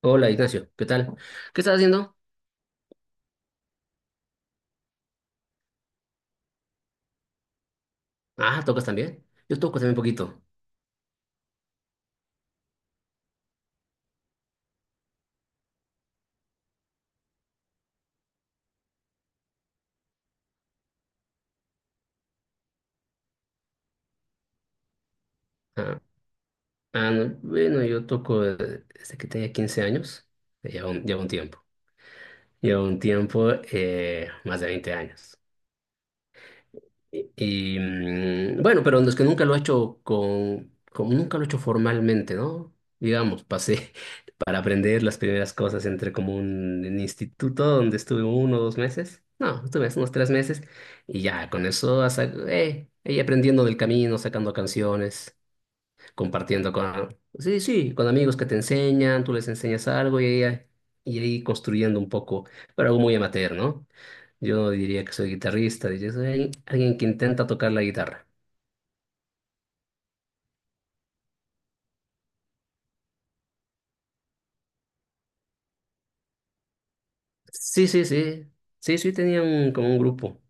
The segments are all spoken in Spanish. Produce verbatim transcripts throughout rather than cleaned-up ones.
Hola Ignacio, ¿qué tal? ¿Qué estás haciendo? Ah, ¿tocas también? Yo toco también un poquito. Ah, ah, no, bueno, yo toco eh, desde que tenía quince años, lleva un, lleva un tiempo. Lleva un tiempo, eh, más de veinte años. Y, mm, bueno, pero es que nunca lo he hecho con, como nunca lo he hecho formalmente, ¿no? Digamos, pasé para aprender las primeras cosas entre como un, un instituto donde estuve uno o dos meses. No, estuve unos tres meses y ya con eso hasta, eh, ahí aprendiendo del camino, sacando canciones, compartiendo con, sí, sí, con amigos que te enseñan, tú les enseñas algo y ahí, y ahí construyendo un poco, pero algo muy amateur, ¿no? Yo no diría que soy guitarrista, diría soy alguien alguien que intenta tocar la guitarra. Sí, sí, sí, sí, sí, tenía un, como un grupo,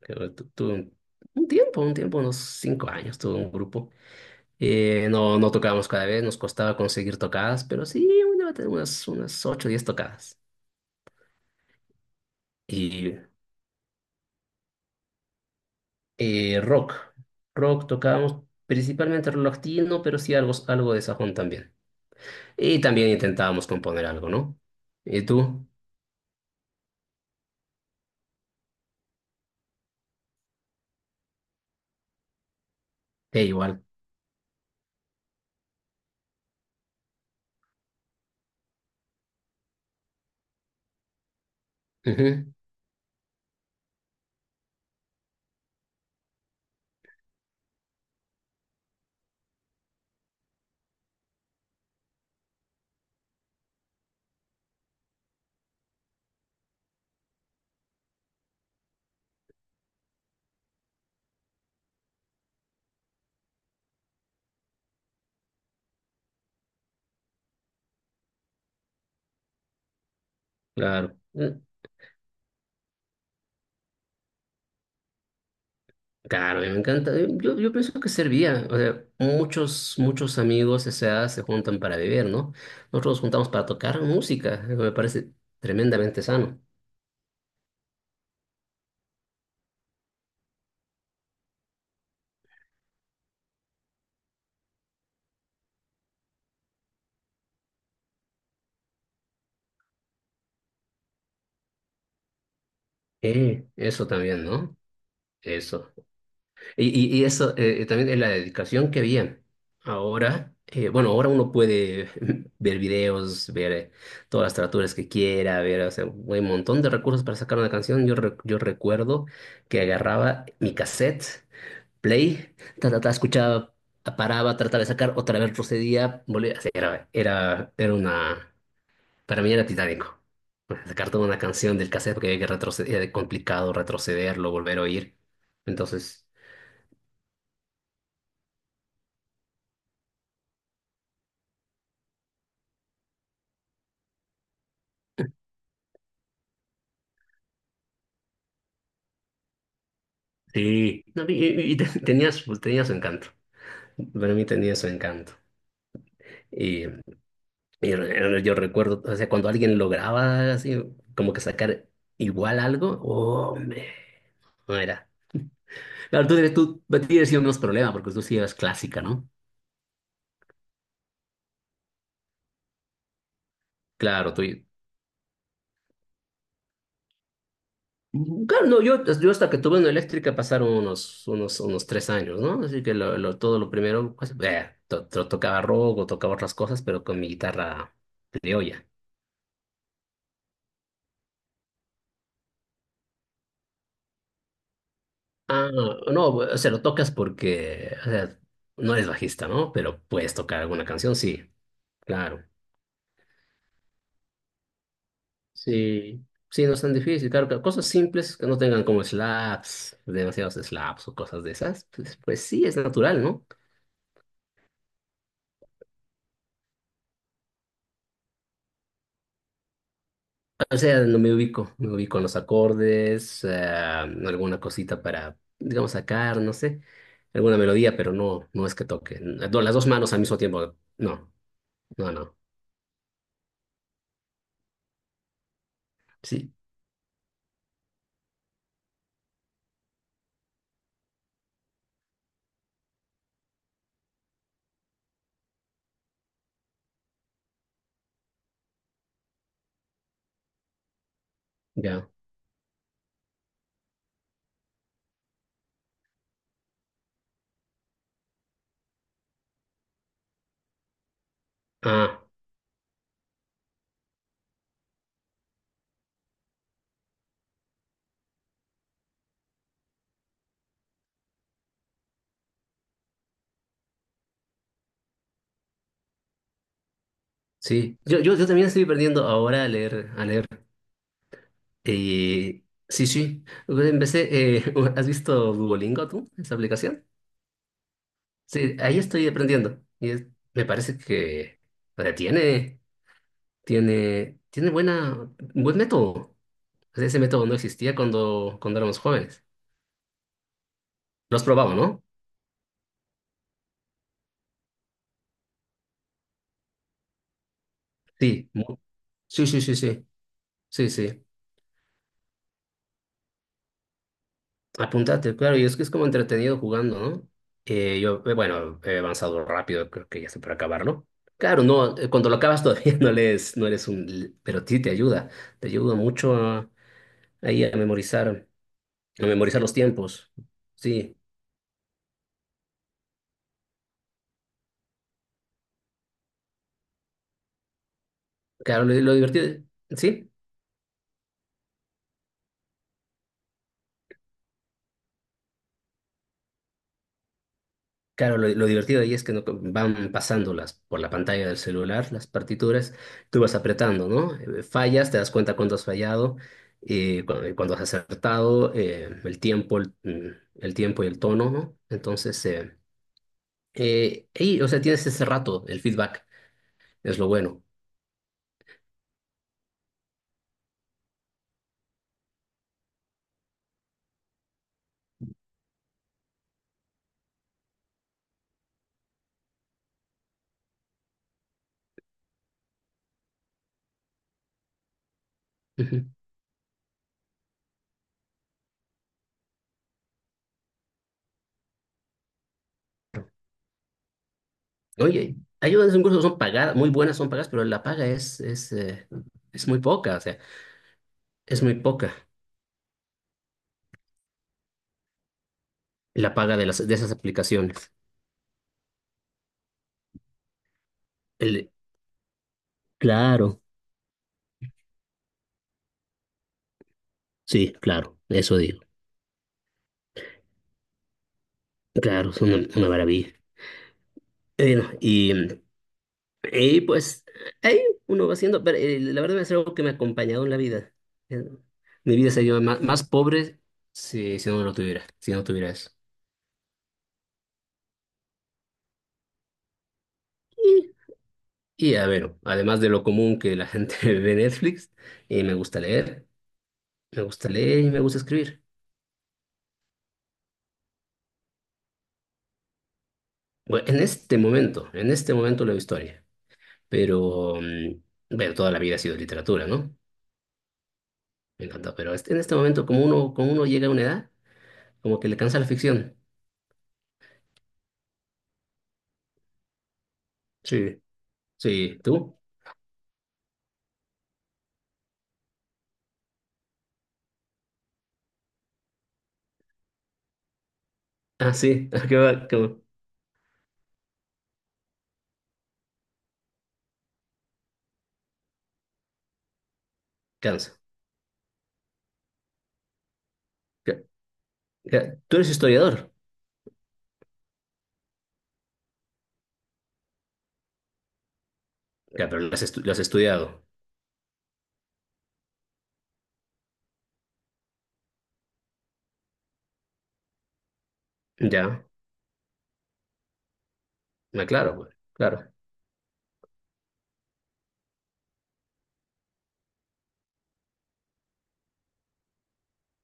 que tu- tuve un, un tiempo, un tiempo, unos cinco años tuve un grupo. Eh, no, no tocábamos cada vez, nos costaba conseguir tocadas, pero sí, una- unas, unas ocho, o diez tocadas. Y Eh, rock. Rock tocábamos principalmente rock latino, pero sí algo, algo de sajón también. Y también intentábamos componer algo, ¿no? ¿Y tú? Eh, igual. Ujú, claro. Mm. Claro, me encanta. Eh, Yo, yo pienso que servía. O sea, muchos, muchos amigos, o sea, se juntan para beber, ¿no? Nosotros nos juntamos para tocar música. Eso me parece tremendamente sano. Eh, eso también, ¿no? Eso. Y, y- y eso eh, eh, también es la dedicación que había. Ahora, eh, bueno, ahora uno puede ver videos, ver eh, todas las traducciones que quiera, ver, o sea, hay un montón de recursos para sacar una canción. Yo, re- yo recuerdo que agarraba mi cassette, play, ta, ta, ta, escuchaba, paraba, trataba de sacar, otra vez procedía, volvía. O sea, era, era, era una, para mí era titánico. Pues, sacar toda una canción del cassette porque había que retroceder, era complicado retrocederlo, volver a oír. Entonces. Sí, no, y, y- y te- tenía su, tenía su encanto. Para mí tenía su encanto. Y, y re- yo recuerdo, o sea, cuando alguien lograba así, como que sacar igual algo, hombre, no era. Claro, tú tienes, tú tienes unos problemas porque tú sí eras clásica, ¿no? Claro, tú. Claro, no, yo, yo hasta que tuve una eléctrica pasaron unos, unos, unos tres años, ¿no? Así que lo, lo- todo lo primero, pues, eh, to- to- tocaba rock o tocaba otras cosas, pero con mi guitarra criolla. Ah, no, o sea, lo tocas porque, o sea, no eres bajista, ¿no? Pero puedes tocar alguna canción, sí, claro. Sí, sí, no es tan difícil, claro, claro, cosas simples que no tengan como slaps, demasiados slaps o cosas de esas, pues, pues sí, es natural, ¿no? O sea, no me ubico, me ubico en los acordes, eh, alguna cosita para, digamos, sacar, no sé, alguna melodía, pero no, no es que toque. No, las dos manos al mismo tiempo, no, no, no, sí, ya. Ah. Sí, yo, yo, yo también estoy perdiendo ahora a leer, a leer. Eh, sí, sí, pues empecé, eh, ¿has visto Duolingo tú, esa aplicación? Sí, ahí estoy aprendiendo y es- me parece que, o sea, tiene, tiene, tiene buena, buen método. O sea, ese método no existía cuando, cuando éramos jóvenes. Los probaba, ¿no? Sí, mu- sí, sí, sí, sí, sí, sí. Apúntate, claro, y es que es como entretenido jugando, ¿no? Eh, yo, eh, bueno, he avanzado rápido, creo que ya estoy para acabarlo. Claro, no, eh, cuando lo acabas todavía no lees, no eres un, l- pero sí te ayuda, te ayuda mucho a, ahí a memorizar, a memorizar, los tiempos. Sí, claro, lo, lo divertido, sí, claro, lo, lo divertido ahí es que no- van pasándolas por la pantalla del celular las partituras, tú vas apretando, ¿no? Eh, Fallas, te das cuenta cuándo has fallado, eh, cu- eh, cuándo has acertado, eh, el tiempo, el, mm, el tiempo y el tono, ¿no? Entonces, eh, eh, y, o sea, tienes ese rato, el feedback, es lo bueno. Ujú. Oye, hay unas incluso son pagadas, muy buenas son pagadas, pero la paga es, es, eh, es muy poca, o sea, es muy poca la paga de las, de esas aplicaciones. El, Sí, claro, eso digo. Claro, es una, una maravilla. Y bueno, y, y pues ahí uno va haciendo, pero eh, la verdad es algo que me ha acompañado en la vida. Eh, Mi vida sería más, más pobre si, si no lo tuviera, si no tuviera eso. Y, y a ver, además de lo común que la gente ve Netflix, eh, me gusta leer, me gusta leer y me gusta escribir. Bueno, en este momento, en este momento leo historia, pero mm, bueno, toda la vida ha sido literatura, ¿no? Me encantó, pero este- en este momento, como uno, como uno llega a una edad, como que le cansa la ficción. Sí, sí, ¿tú? Ah, sí, ¿qué va? ¿Qué cansa? ¿Qué- qué- ¿Tú eres historiador? Ya, pero lo has, estu- lo has estudiado. Ya, ah, claro, güey, claro.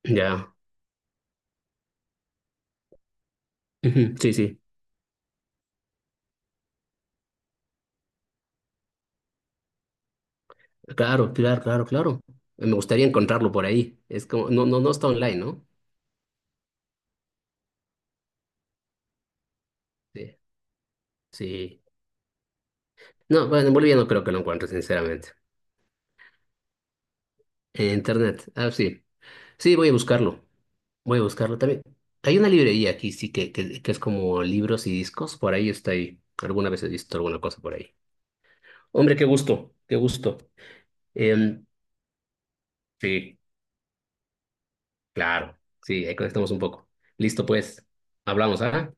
Ya, ujú, sí, sí, claro, claro, claro, claro. Me gustaría encontrarlo por ahí. Es como, no, no, no está online, ¿no? Sí, sí. No, bueno, en Bolivia no creo que lo encuentre, sinceramente. En internet, ah, sí. Sí, voy a buscarlo. Voy a buscarlo también. Hay una librería aquí, sí, que, que, que es como libros y discos. Por ahí está ahí. Alguna vez he visto alguna cosa por ahí. Hombre, qué gusto, qué gusto. Em, sí, claro. Sí, ahí conectamos un poco. Listo, pues. Hablamos, ¿ah?